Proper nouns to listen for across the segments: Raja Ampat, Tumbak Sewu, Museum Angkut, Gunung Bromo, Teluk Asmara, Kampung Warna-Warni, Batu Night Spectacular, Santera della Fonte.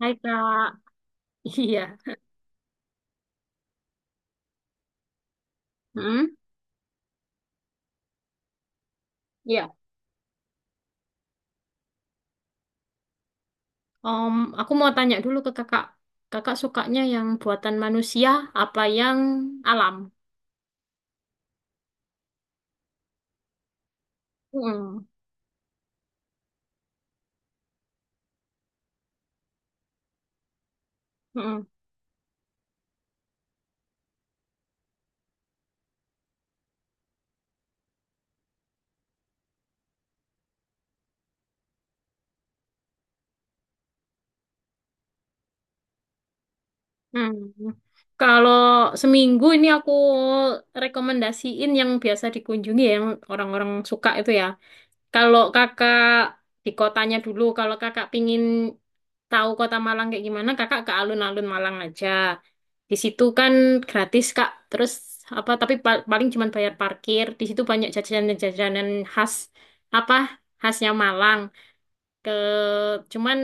Hai Kak, iya. Hmm? Iya. Om, aku mau tanya dulu ke Kakak. Kakak sukanya yang buatan manusia apa yang alam? Hmm. Hmm. Hmm. Kalau seminggu ini aku rekomendasiin yang biasa dikunjungi ya, yang orang-orang suka itu ya. Kalau Kakak di kotanya dulu, kalau Kakak pingin tahu kota Malang kayak gimana, Kakak ke alun-alun Malang aja. Di situ kan gratis, Kak. Terus apa tapi paling cuma bayar parkir. Di situ banyak jajanan-jajanan khas apa? Khasnya Malang. Ke cuman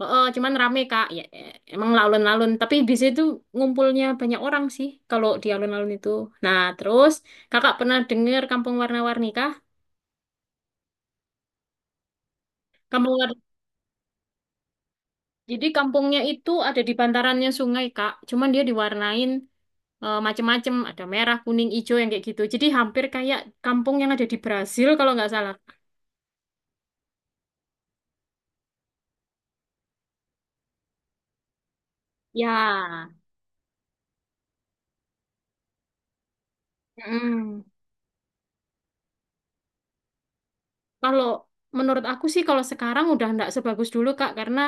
oh, cuman rame, Kak. Ya, emang alun-alun, tapi di situ ngumpulnya banyak orang sih kalau di alun-alun itu. Nah, terus Kakak pernah dengar Kampung Warna-Warni kah? Kampung warna Jadi kampungnya itu ada di bantarannya sungai, Kak. Cuman dia diwarnain macem-macem, ada merah, kuning, hijau yang kayak gitu, jadi hampir kayak kampung yang ada di Brasil kalau nggak salah. Ya. Mm-mm. Kalau menurut aku sih kalau sekarang udah nggak sebagus dulu, Kak, karena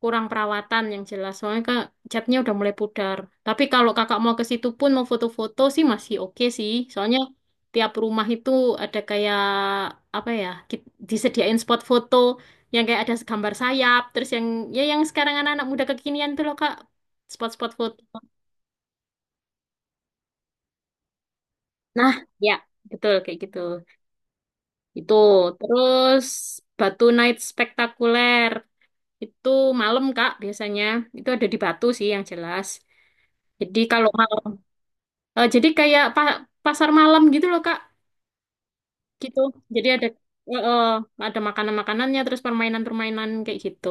kurang perawatan yang jelas. Soalnya, Kak, catnya udah mulai pudar. Tapi kalau Kakak mau ke situ pun mau foto-foto sih masih oke sih. Soalnya tiap rumah itu ada kayak apa ya, disediain spot foto yang kayak ada gambar sayap, terus yang sekarang anak-anak muda kekinian tuh loh, Kak, spot-spot foto. Nah, ya, betul kayak gitu. Itu terus Batu Night Spectacular. Itu malam, Kak, biasanya. Itu ada di Batu sih yang jelas. Jadi kalau malam, jadi kayak pasar malam gitu loh, Kak. Gitu. Jadi eh, eh, ada makanan-makanannya, terus permainan-permainan kayak gitu.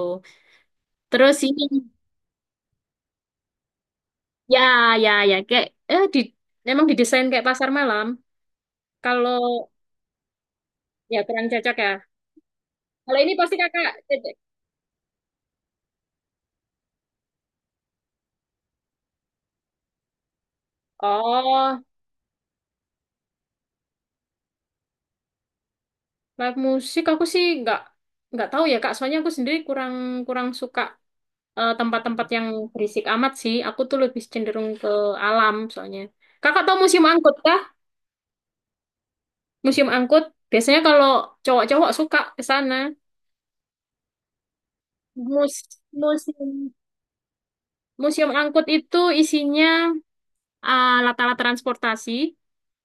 Terus ini, ya, ya, ya, kayak eh di memang didesain kayak pasar malam. Kalau ya kurang cocok ya. Kalau ini pasti Kakak cocok. Oh, live musik aku sih nggak tahu ya, Kak. Soalnya aku sendiri kurang kurang suka tempat-tempat yang berisik amat sih. Aku tuh lebih cenderung ke alam soalnya. Kakak tahu museum angkut kah? Museum angkut biasanya kalau cowok-cowok suka ke sana. Mus museum museum angkut itu isinya latar-latar transportasi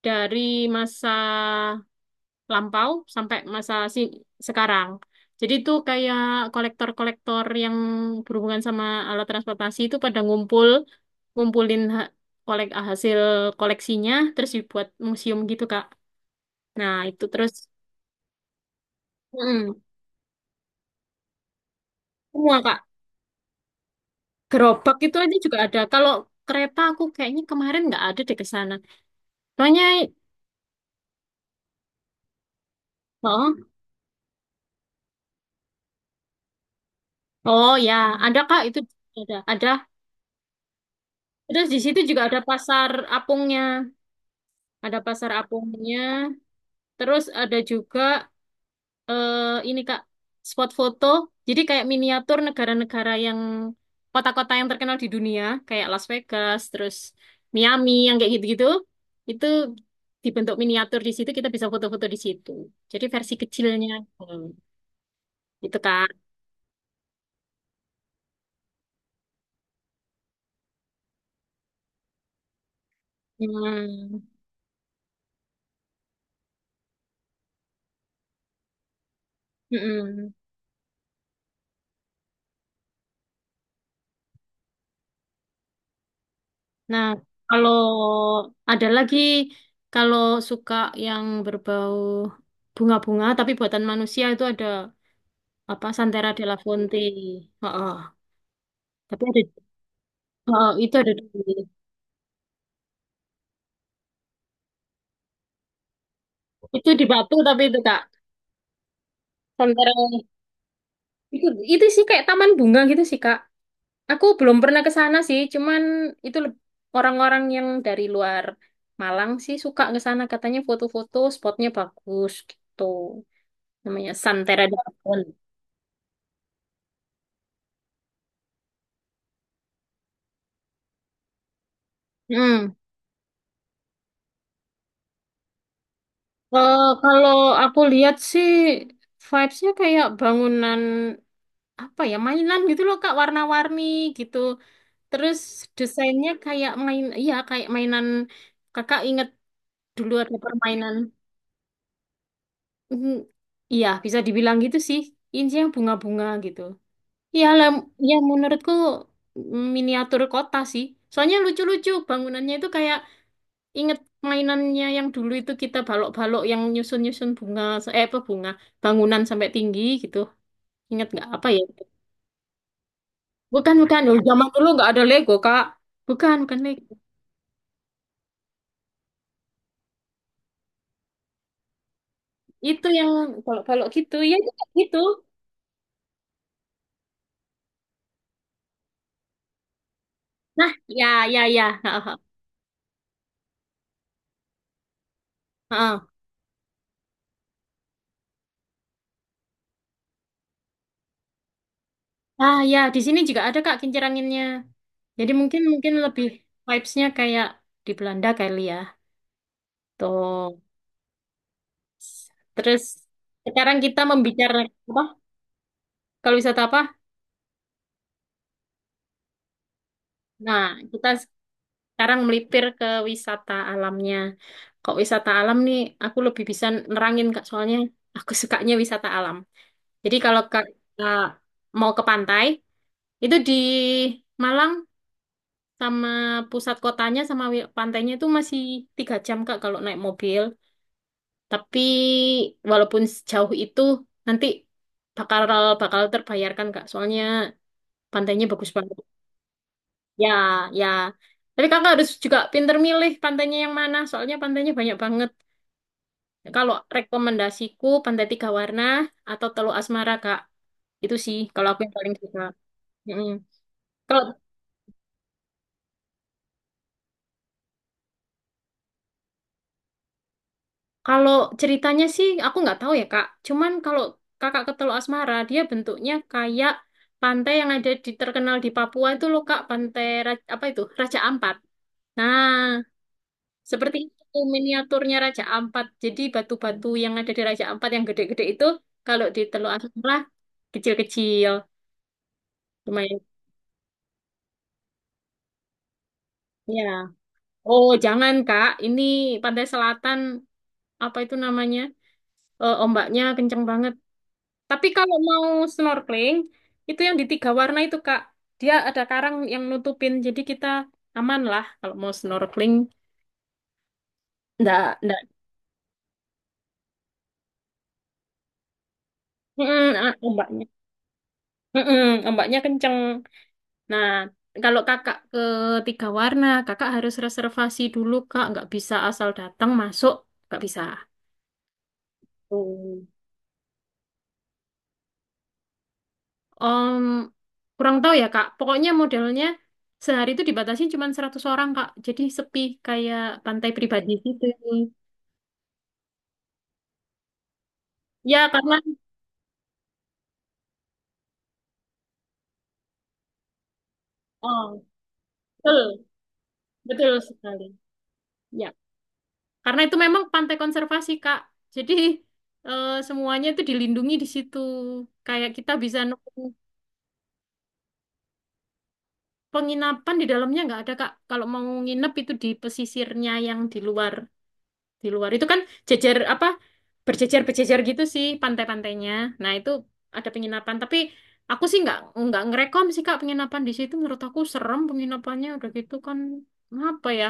dari masa lampau sampai masa sekarang. Jadi itu kayak kolektor-kolektor yang berhubungan sama alat transportasi itu pada ngumpul, ngumpulin hasil koleksinya, terus dibuat museum gitu, Kak. Nah, itu terus mm, semua, Kak. Gerobak itu aja juga ada. Kalau kereta aku kayaknya kemarin nggak ada deh ke sana. Soalnya, oh, oh ya, ada, Kak, itu ada. Ada. Terus di situ juga ada pasar apungnya. Ada pasar apungnya. Terus ada juga eh, ini, Kak, spot foto. Jadi kayak miniatur negara-negara yang kota-kota yang terkenal di dunia, kayak Las Vegas, terus Miami yang kayak gitu-gitu. Itu dibentuk miniatur di situ, kita bisa foto-foto di situ. Jadi versi kecilnya. Hmm, gitu, Kak. Hmm, mm-mm. Nah, kalau ada lagi kalau suka yang berbau bunga-bunga tapi buatan manusia itu ada apa Santera della Fonte. Heeh. Tapi ada, heeh, itu ada di itu di Batu tapi itu, Kak. Santera itu itu sih kayak taman bunga gitu sih, Kak. Aku belum pernah ke sana sih, cuman itu leb- orang-orang yang dari luar Malang sih suka ke sana katanya foto-foto spotnya bagus gitu. Namanya Santera della Fonte. Hmm. Kalau aku lihat sih vibes-nya kayak bangunan apa ya, mainan gitu loh, Kak, warna-warni gitu. Terus desainnya kayak main, iya kayak mainan. Kakak inget dulu ada permainan. Mm. Iya, bisa dibilang gitu sih. Ini sih yang bunga-bunga gitu. Iya lah, ya menurutku miniatur kota sih. Soalnya lucu-lucu bangunannya itu kayak inget mainannya yang dulu itu kita balok-balok yang nyusun-nyusun bunga, eh apa bunga, bangunan sampai tinggi gitu. Ingat nggak apa ya? Bukan, bukan. Dulu zaman dulu nggak ada Lego, Kak. Bukan, bukan Lego. Itu yang kalau-kalau gitu ya juga gitu. Nah, ya, ya, ya. Ha, ha, ha. Ah ya, di sini juga ada, Kak, kincir anginnya. Jadi mungkin mungkin lebih vibes-nya kayak di Belanda kali ya. Tuh. Terus sekarang kita membicarakan apa? Kalau wisata apa? Nah, kita sekarang melipir ke wisata alamnya. Kok wisata alam nih aku lebih bisa nerangin, Kak, soalnya aku sukanya wisata alam. Jadi kalau Kak, eh, mau ke pantai. Itu di Malang, sama pusat kotanya sama pantainya itu masih 3 jam, Kak, kalau naik mobil. Tapi walaupun sejauh itu, nanti bakal bakal terbayarkan, Kak. Soalnya pantainya bagus banget. Ya, ya. Tapi Kakak harus juga pinter milih pantainya yang mana. Soalnya pantainya banyak banget. Kalau rekomendasiku Pantai Tiga Warna atau Teluk Asmara, Kak. Itu sih kalau aku yang paling suka. Mm-mm. Kalau Kalau ceritanya sih aku nggak tahu ya, Kak. Cuman kalau Kakak ke Teluk Asmara, dia bentuknya kayak pantai yang ada di terkenal di Papua itu loh, Kak, pantai apa itu? Raja Ampat. Nah, seperti itu miniaturnya Raja Ampat. Jadi batu-batu yang ada di Raja Ampat yang gede-gede itu kalau di Teluk Asmara kecil-kecil. Lumayan. Ya. Oh, jangan, Kak, ini pantai selatan apa itu namanya? Ombaknya kenceng banget. Tapi kalau mau snorkeling, itu yang di tiga warna itu, Kak. Dia ada karang yang nutupin, jadi kita aman lah kalau mau snorkeling. Nggak, nggak. Mm-mm, ombaknya. Mm-mm, ombaknya kenceng. Nah, kalau kakak ke tiga warna, kakak harus reservasi dulu, Kak. Nggak bisa asal datang masuk, nggak bisa. Oh. Om, kurang tahu ya, Kak. Pokoknya modelnya sehari itu dibatasi cuma 100 orang, Kak. Jadi sepi kayak pantai pribadi gitu. Ya, karena Oh, betul, betul sekali. Ya, karena itu memang pantai konservasi, Kak. Jadi, semuanya itu dilindungi di situ. Kayak kita bisa nemu penginapan di dalamnya nggak ada, Kak. Kalau mau nginep itu di pesisirnya yang di luar itu kan jejer apa berjejer berjejer gitu sih pantai-pantainya. Nah, itu ada penginapan, tapi aku sih nggak ngerekom sih, Kak, penginapan di situ. Menurut aku serem penginapannya, udah gitu kan apa ya,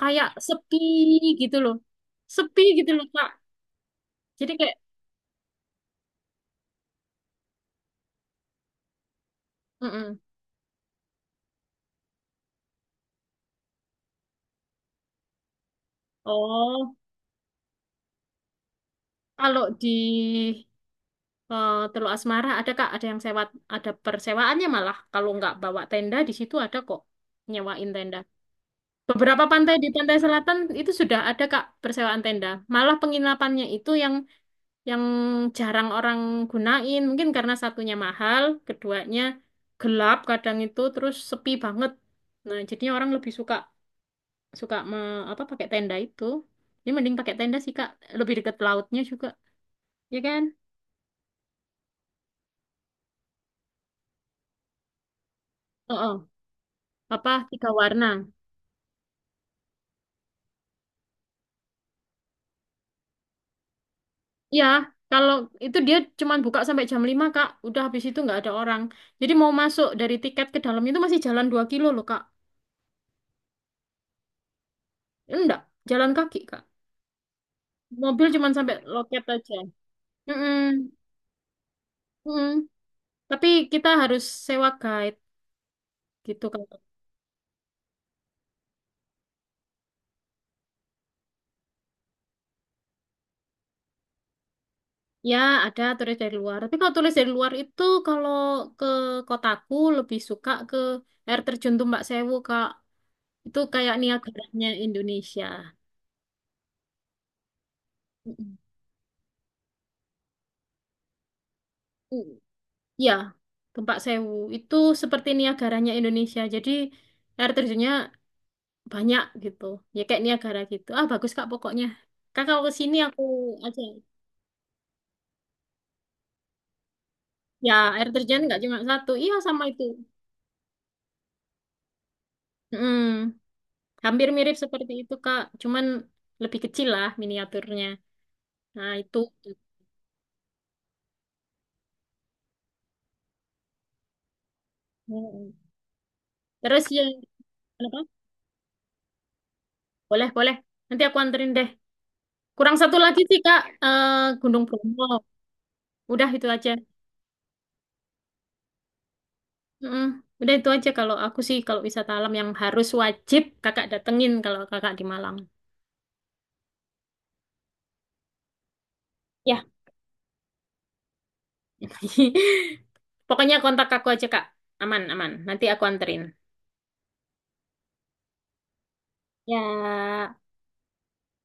kayak sepi gitu loh. Sepi gitu loh, Kak. Jadi kayak, mm-mm. Oh, kalau di Teluk Asmara ada, Kak, ada yang sewa, ada persewaannya malah. Kalau nggak bawa tenda di situ ada kok nyewain tenda. Beberapa pantai di pantai selatan itu sudah ada, Kak, persewaan tenda. Malah penginapannya itu yang jarang orang gunain, mungkin karena satunya mahal, keduanya gelap kadang itu, terus sepi banget. Nah, jadinya orang lebih suka suka me, apa pakai tenda itu. Jadi mending pakai tenda sih, Kak, lebih dekat lautnya juga, ya kan? Oh, oh. Apa tiga warna? Iya, kalau itu dia cuman buka sampai jam 5, Kak, udah habis itu nggak ada orang. Jadi mau masuk dari tiket ke dalam itu masih jalan 2 kilo loh, Kak. Enggak, jalan kaki, Kak. Mobil cuman sampai loket aja. Mm-mm. Mm-mm. Tapi kita harus sewa guide gitu, Kak. Ya, ada turis dari luar. Tapi kalau turis dari luar itu kalau ke kotaku lebih suka ke air terjun Tumbak Sewu, Kak. Itu kayak Niagaranya Indonesia. Mm-mm. Mm. Ya, Tumbak Sewu itu seperti Niagaranya Indonesia. Jadi air terjunnya banyak gitu. Ya kayak Niagara gitu. Ah, bagus, Kak, pokoknya. Kak kalau ke sini aku aja. Ya, air terjun nggak cuma satu. Iya, sama itu. Mm. Hampir mirip seperti itu, Kak. Cuman lebih kecil lah miniaturnya. Nah, itu. Mm. Terus yang apa? Boleh, boleh. Nanti aku anterin deh. Kurang satu lagi sih, Kak. Gunung Bromo. Udah itu aja. Mm-mm. Udah itu aja kalau aku sih kalau wisata alam yang harus wajib Kakak datengin kalau Kakak di Malang. Ya. Pokoknya kontak aku aja, Kak. Aman, aman. Nanti aku anterin. Ya.